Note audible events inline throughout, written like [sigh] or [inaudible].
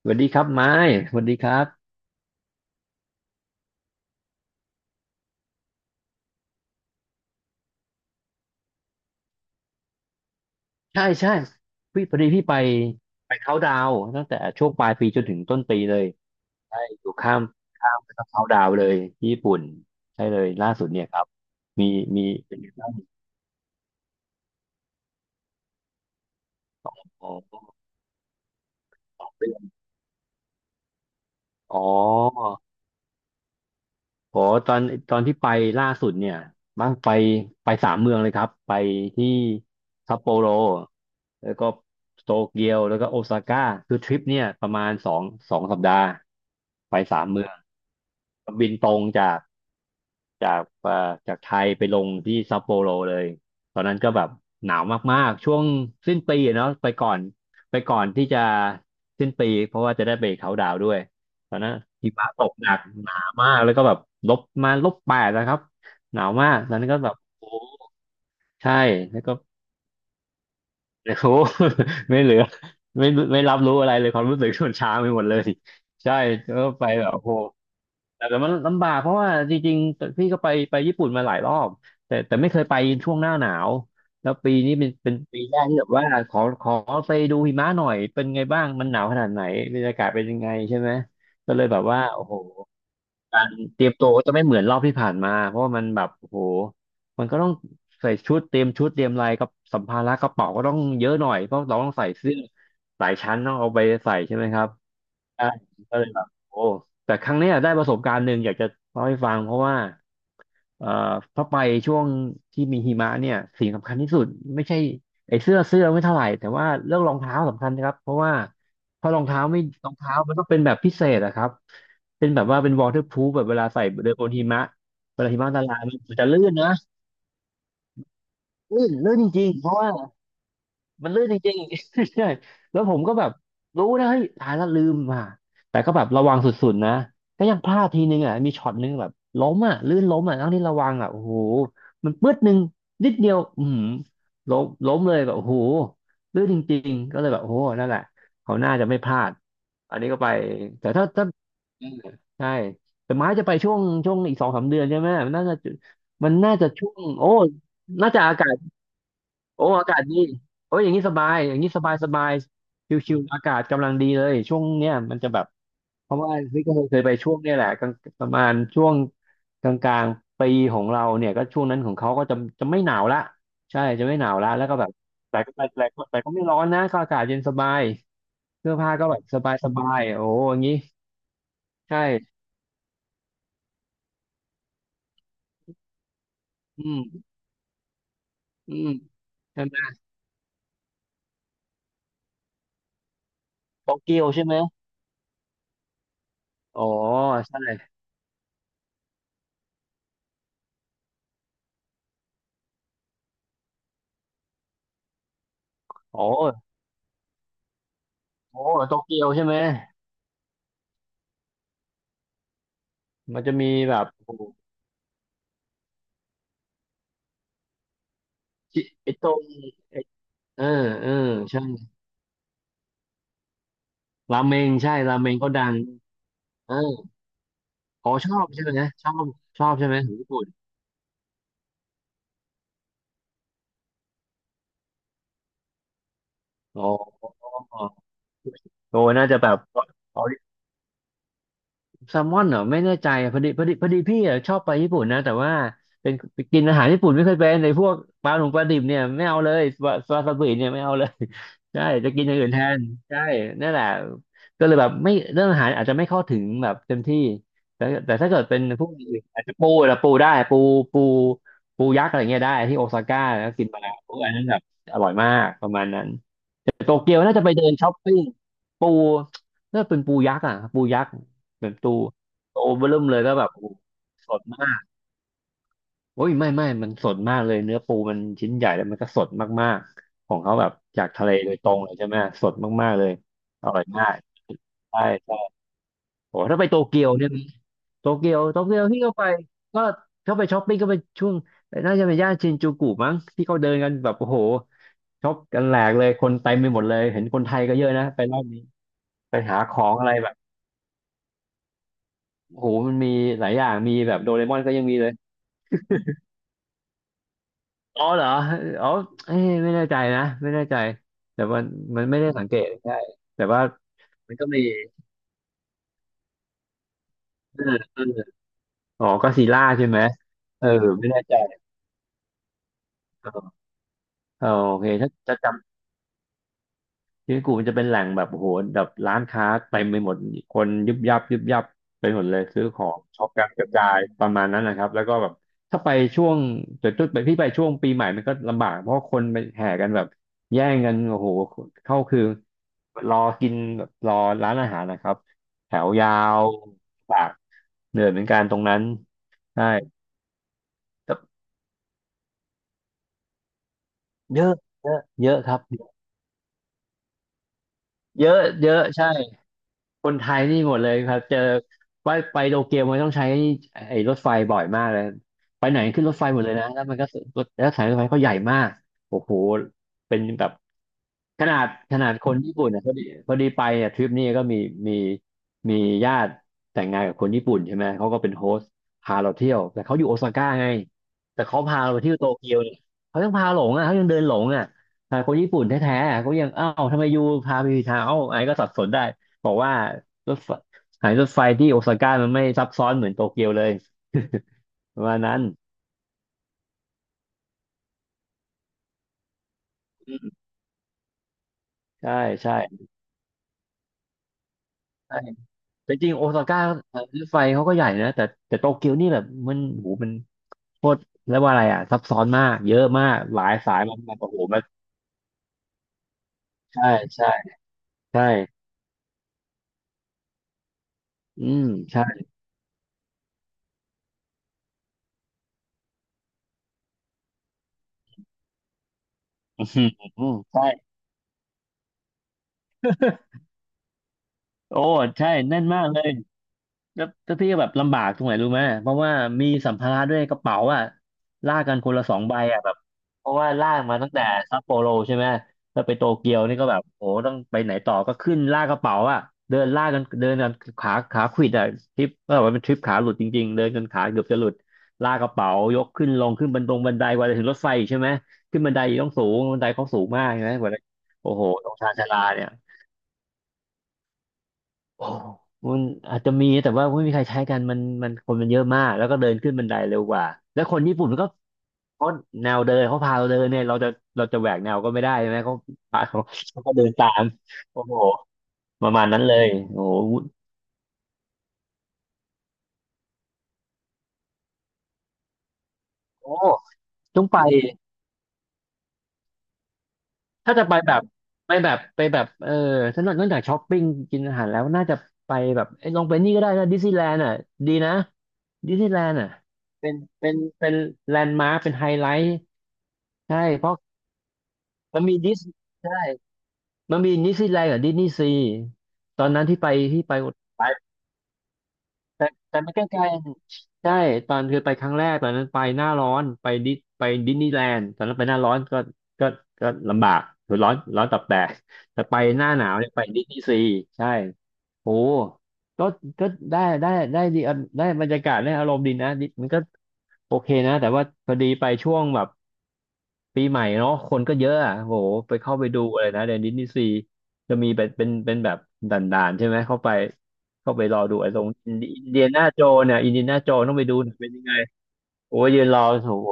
สวัสดีครับไม้สวัสดีครับใช่ใช่พอดีพี่ไปเขาดาวน์ตั้งแต่ช่วงปลายปีจนถึงต้นปีเลยใช่อยู่ข้ามไปเขาดาวน์เลยที่ญี่ปุ่นใช่เลยล่าสุดเนี่ยครับมีมีเป็นไงบ้างอ๋ออ๋ออ๋อตอนตอนที่ไปล่าสุดเนี่ยบ้างไปสามเมืองเลยครับไปที่ซัปโปโรแล้วก็โตเกียวแล้วก็โอซาก้าคือทริปเนี่ยประมาณสองสัปดาห์ไปสามเมือง บินตรงจากจากเอ่อจากไทยไปลงที่ซัปโปโรเลยตอนนั้นก็แบบหนาวมากๆช่วงสิ้นปีอะเนาะไปก่อนไปก่อนที่จะสิ้นปีเพราะว่าจะได้ไปเขาน์ดาวน์ด้วยตอนนั้นหิมะตกหนักหนามากแล้วก็แบบลบมาลบแปดนะครับหนาวมากตอนนั้นก็แบบโอ้ใช่แล้วก็ โอ้โห [laughs] ไม่เหลือไม่ไม่รับรู้อะไรเลย ความรู้สึกมนช้างไปหมดเลยใช่ก็ไปแบบโอ้โหแต่มันลำบากเพราะว่าจริงๆ พี่ก็ไปญี่ปุ่นมาหลายรอบแต่ไม่เคยไปช่วงหน้าหนาว แล้วปีนี้เป็นปีแรกที่แบบว่าขอไปดูหิมะหน่อยเป็นไงบ้าง มันหนาวขนาดไหนบรรยากาศเป็นยังไงใช่ไหมก็เลยแบบว่าโอ้โห การเตรียมตัวก็จะไม่เหมือนรอบที่ผ่านมาเพราะว่ามันแบบโอ้โหมันก็ต้องใส่ชุดเตรียมชุดเตรียมอะไรกับสัมภาระกระเป๋าก็ต้องเยอะหน่อยเพราะเราต้องใส่เสื้อหลายชั้นต้องเอาไปใส่ใช่ไหมครับใช่ก็เลยแบบโอ้แต่ครั้งเนี้ยได้ประสบการณ์หนึ่งอยากจะเล่าให้ฟังเพราะว่า เอ่อเพราะไปช่วงที่มีหิมะเนี่ยสิ่งสำคัญที่สุดไม่ใช่ไอ้เสื้อไม่เท่าไหร่แต่ว่าเรื่องรองเท้าสำคัญนะครับเพราะว่าเพราะรองเท้าไม่รองเท้ามันต้องเป็นแบบพิเศษอะครับเป็นแบบว่าเป็น waterproof แบบเวลาใส่เดินบนหิมะเวลาหิมะละลายมันจะลื่นนะลื่นจริงๆเพราะว่า มันลื่นจริงๆ [laughs] ใช่แล้วผมก็แบบรู้นะเฮ้ยตายแล้วลืมอ่ะแต่ก็แบบระวังสุดๆนะ ก็ยังพลาดทีนึงอ่ะมีช็อตนึงแบบล้มอ่ะลื่นล้มอ่ะทั้งที่ระวังอ่ะโอ้โหมันปื๊ดนึงนิดเดียวอือล้มเลยแบบโอ้โหลื่นจริงๆก็เลยแบบโอ้โหนั่นแหละเขาน่าจะไม่พลาด อันนี้ก็ไปแต่ถ้าอืมใช่แต่ไม้จะไปช่วงอีกสองสามเดือนใช่ไหมมันน่าจะมันน่าจะช่วงโอ้น่าจะอากาศ โอ้อากาศดีโอ้ยอย่างนี้สบายอย่างนี้สบายสบายชิวๆอากาศกำลังดีเลยช่วงเนี้ยมันจะแบบเพราะว่าพี่ก็เคยไปช่วงเนี้ยแหละกลางประมาณช่วงกลางๆปีของเราเนี่ยก็ช่วงนั้นของเขาก็จะจะไม่หนาวละใช่จะไม่หนาวละแล้วก็แบบแต่ก็แต่แต่ก็ไม่ร้อนนะก็อากาศเย็นสบายเสื้อผ้าก็แบบสบายสบายโอ้อย่างนี้ใช่อืมอืมใช่ไหมโตเกียวใช่ไหมอ๋อใช่โอ้โอ้โตเกียวใช่ไหมมันจะมีแบบโอ้โห ชิไอ้ตรงไอ้เออเออใช่ราเมงใช่ราเมงก็ดังเอออ๋อชอบใช่ไหมนะชอบชอบใช่ไหมของญี่ปุ่นอ๋อโอ้น่าจะแบบ แซลมอนเหรอไม่แน่ใจอะพอดีพี่อะชอบไปญี่ปุ่นนะแต่ว่าเป็นกินอาหารญี่ปุ่นไม่เคยเป็นในพวกปลาหนุ่มปลาดิบเนี่ยไม่เอาเลยซาวาซาบิเนี่ยไม่เอาเลย [laughs] ใช่จะกินอย่างอื่นแทนใช่นั่นแหละก็เลยแบบไม่เรื่องอาหารอาจจะไม่เข้าถึงแบบเต็มที่แต่ถ้าเกิดเป็นพวกอย่างอื่นอาจจะปูนะปูได้ปูปูยักษ์อะไรเงี้ยได้ที่โอซาก้าแล้วกินมาแล้วพวกอันนั้นแบบอร่อยมากประมาณนั้น โตเกียวน่าจะไปเดินช้อปปิ้งปูน่าเป็นปูยักษ์อ่ะปูยักษ์แบบตูโตเบิ่มเลยก็แบบโอ้โหสดมากโอ้ยไม่มันสดมากเลยเนื้อปูมันชิ้นใหญ่แล้วมันก็สดมากๆของเขาแบบจากทะเลโดยตรงเลยใช่ไหมสดมากๆเลยอร่อยมากใช่ใช่โอ้ถ้าไปโตเกียวเนี่ยโตเกียวที่เขาไปก็เขาไปช้อปปิ้งก็ไปช่วงน่าจะเป็นย่านชินจูกุมั้งที่เขาเดินกันแบบโอ้โหช็อปกันแหลกเลยคนเต็มไปหมดเลยเห็นคนไทยก็เยอะนะไปรอบนี้ ไปหาของอะไรแบบโหมันมีหลายอย่าง มีแบบโดเรมอนก็ยังมีเลย อ๋อเหรออ๋อเอ้ยไม่แน่ใจนะ ไม่แน่ใจ แต่มันไม่ได้สังเกตใช่แต่ว่ามันก็มีเออเอออ๋อก็ซีลล่าใช่ไหม เออ ไม่แน่ใจเออเออโอเค ถ้าจะจ ชิบุกุมันจะเป็นแหล่งแบบโอ้โหแบบร้านค้าเต็มไปหมดคนยุบยับยุบยับไปหมดเลยซื้อของช็อปกันกระจายประมาณนั้นนะครับแล้วก็แบบถ้าไปช่วงจุดจุดไปพี่ไปช่วงปีใหม่มันก็ลำบากเพราะคนไปแห่กันแบบแย่งกันโอ้โหเข้าคือรอกินแบบรอร้านอาหารนะครับแถวยาวปากเหนื่อยเหมือนกันตรงนั้นใช่แต่เยอะเยอะเยอะครับเยอะเยอะใช่ คนไทยนี่หมดเลยครับเจอว่าไปโตเกียวมันต้องใช้ไอ้รถไฟบ่อยมากเลยไปไหนขึ้นรถไฟหมดเลยนะแล้วมันก็รถแล้วสายรถไฟเขาใหญ่มากโอ้โหเป็นแบบขนาดขนาดคนญี่ปุ่นเนี่ยพอดีพอดีไปเนี่ยทริปนี้ก็มีมีมีญาติแต่งงานกับคนญี่ปุ่นใช่ไหมเขาก็เป็นโฮสต์พาเราเที่ยวแต่เขาอยู่โอซาก้าไงแต่เขาพาเราไปเที่ยวโตเกียวเนี่ยเขายังพาหลงอ่ะเขายังเดินหลงอ่ะแต่คนญี่ปุ่นแท้ๆเขายังอ้าวทำไมอยูพาไปผิดทางเอ้าไอ้ก็สับสนได้ บอกว่ารถไฟสถานีรถไฟที่โอซาก้ามันไม่ซับซ้อนเหมือนโตเกียวเลย [laughs] ประมาณนั้นใช่ใช่ใช่แต่จริงโอซาก้ารถไฟเขาก็ใหญ่นะแต่โตเกียวนี่แบบโหูมันโคตรเรียกว่าอะไรอ่ะซับซ้อนมากเยอะมากหลายสายมันโอ้โหมันใช่ใช่ใช่อืมใช่ [laughs] อืมใช่ [laughs] โอ้ใช่แน่นมากเลย แล้วพี่ก็แบบลำบากตรงไหนรู้ไหมเพราะว่ามีสัมภาระด้วยกระเป๋าอ่ะลากกันคนละสองใบอ่ะแบบเพราะว่าลากมาตั้งแต่ซัปโปโรใช่ไหมแล้วไปโตเกียวนี่ก็แบบโอ้โหต้องไปไหนต่อก็ขึ้นลากกระเป๋าอ่ะเดินลากกันเดินกันขาขาขวิดอ่ะทริปก็แบบว่าเป็นทริปขาหลุดจริงๆเดินกันขาเกือบจะหลุดลากกระเป๋ายกขึ้นลงขึ้นบันตรงบันไดกว่าจะถึงรถไฟอีกใช่ไหมขึ้นบันไดอีกต้องสูงบันไดเขาสูงมากใช่ไหมกว่าจะโอ้โหตรงชานชาลาเนี่ย โอ้มันอาจจะมีแต่ว่าไม่มีใครใช้กันมันคนมันเยอะมากแล้วก็เดินขึ้นบันไดเร็วกว่าแล้วคนญี่ปุ่นมันก็เขาแนวเดินเขาพาเราเดินเนี่ยเราจะเราจะแหวกแนวก็ไม่ได้ใช่ไหมเขาพาเขาเขาก็เดินตามโอ้โหประมาณนั้นเลยโอ้โหโอ้ต้องไปถ้าจะไปแบบไปแบบไปแบบเออถ้านอกจากช้อปปิ้งกินอาหารแล้วน่าจะไปแบบเอ้ยลองไปนี่ก็ได้นะดิสนีย์แลนด์อ่ะดีนะดิสนีย์แลนด์อ่ะเป็นแลนด์มาร์คเป็นไฮไลท์ใช่เพราะ มันมีดิสใช่มันมีนิสซีแลนด์กับดิสนีย์ซีตอนนั้นที่ไปที่ไปไปแต่ไม่ใกล้ๆใช่ตอนคือไปครั้งแรกตอนนั้นไปหน้าร้อนไปดิไปดิสนีย์แลนด์ตอนนั้นไปหน้าร้อนก็ก็ลำบากคือร้อนร้อนตับแตกแต่ไปหน้าหนาวเนี่ยไปดิสนีย์ซีใช่โอ้ก็ก็ได้ได้ดีอ่ะได้บรรยากาศได้อารมณ์ดีนะดิมันก็โอเคนะแต่ว่าพอดีไปช่วงแบบ ปีใหม่เนาะคนก็เยอะอะโหไปเข้าไปดูอะไรนะเดนดิสนีย์ซีจะมีเป็นแบบด่านๆใช่ไหมเข้าไปเข้าไปรอดูไอ้ตรงอินเดียนาโจเนี่ยอินเดียนาโจต้องไปดูหน่อยเป็นยังไงโอ้ยยืนรอโอ้โห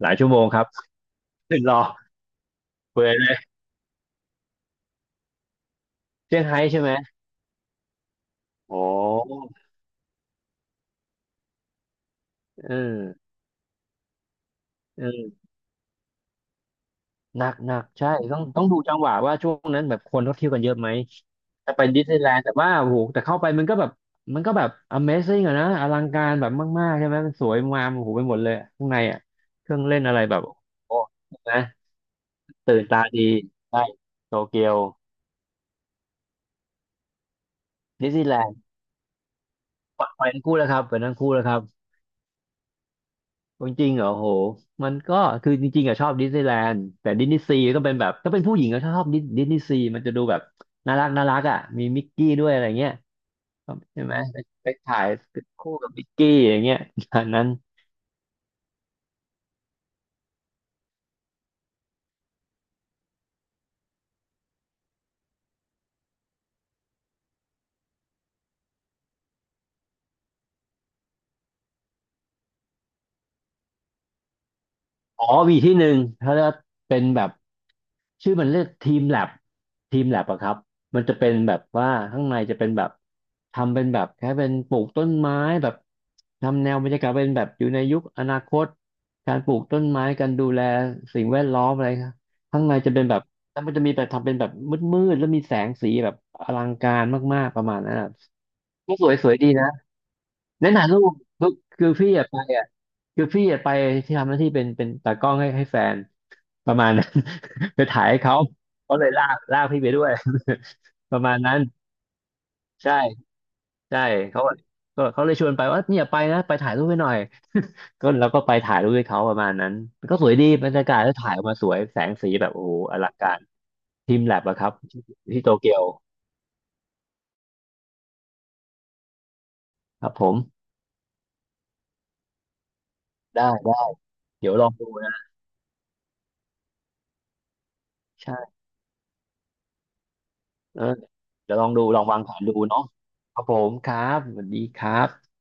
หลายชั่วโมงครับ [laughs] ยืนรอเปื่อยเลยเซี่ยงไฮ้ใช่ไหมโอ้เออเออหนักหนักใช่ต้องดูจังหวะว่าช่วงนั้นแบบคนเขาเที่ยวกันเยอะไหม จะไปดิสนีย์แลนด์แต่ว่าโอ้โหแต่เข้าไปมันก็แบบมันก็แบบ Amazing อะนะอลังการแบบมากๆใช่ไหมมันสวยงามโอ้โหไปหมดเลยอะข้างในอะเครื่องเล่นอะไรแบบโอ้ใช่ไหมตื่นตาดีได้โตเกียวดิสนีย์แลนด์ไปไปทั้งคู่แล้วครับไปทั้งคู่แล้วครับจริงๆเหรอโอ้โหมันก็คือจริงๆอะชอบดิสนีย์แลนด์แต่ดิสนีย์ซีก็เป็นแบบถ้าเป็นผู้หญิงก็ชอบดิสดิสนีย์ซีมันจะดูแบบน่ารักน่ารักอะมีมิกกี้ด้วยอะไรเงี้ยใช่ไหมไปไปถ่ายคู่กับมิกกี้อย่างเงี้ย [laughs] อันนั้น อ๋อมีที่หนึ่งถ้าจะเป็นแบบชื่อมันเรียกทีมแลบทีมแลบอะครับมันจะเป็นแบบว่าข้างในจะเป็นแบบทำเป็นแบบแค่เป็นปลูกต้นไม้แบบทำแนวบรรยากาศเป็นแบบอยู่ในยุคอนาคตการปลูกต้นไม้การดูแลสิ่งแวดล้อมอะไรครับข้างในจะเป็นแบบแล้วมันจะมีแบบทำเป็นแบบมืดๆแล้วมีแสงสีแบบอลังการมากๆประมาณนั้นอะสวยสวยๆดีนะ แนะนำลูกลูกคือพี่อะไปอะคือพี่อะไปที่ทำหน้าที่เป็นตากล้องให้แฟนประมาณนั้น [laughs] ไปถ่ายให้เขาเขาเลยลากพี่ไปด้วย [laughs] ประมาณนั้นใช่ใช่เขาก็เขาเลยชวนไปว่าเนี่ยไปนะไปถ่ายรูปให้หน่อย [laughs] ก็แล้วก็ไปถ่ายรูปให้เขาประมาณนั้นก็สวยดีบรรยากาศแล้วถ่ายออกมาสวยแสงสีแบบโอ้โหอลังการทีมแลบอะครับที่โตเกียวครับผมได้ได้เดี๋ยวลองดูนะใช่เออ เดี๋ยวลองดูลองวางแผนดูเนาะครับผมครับสวัสดีครับ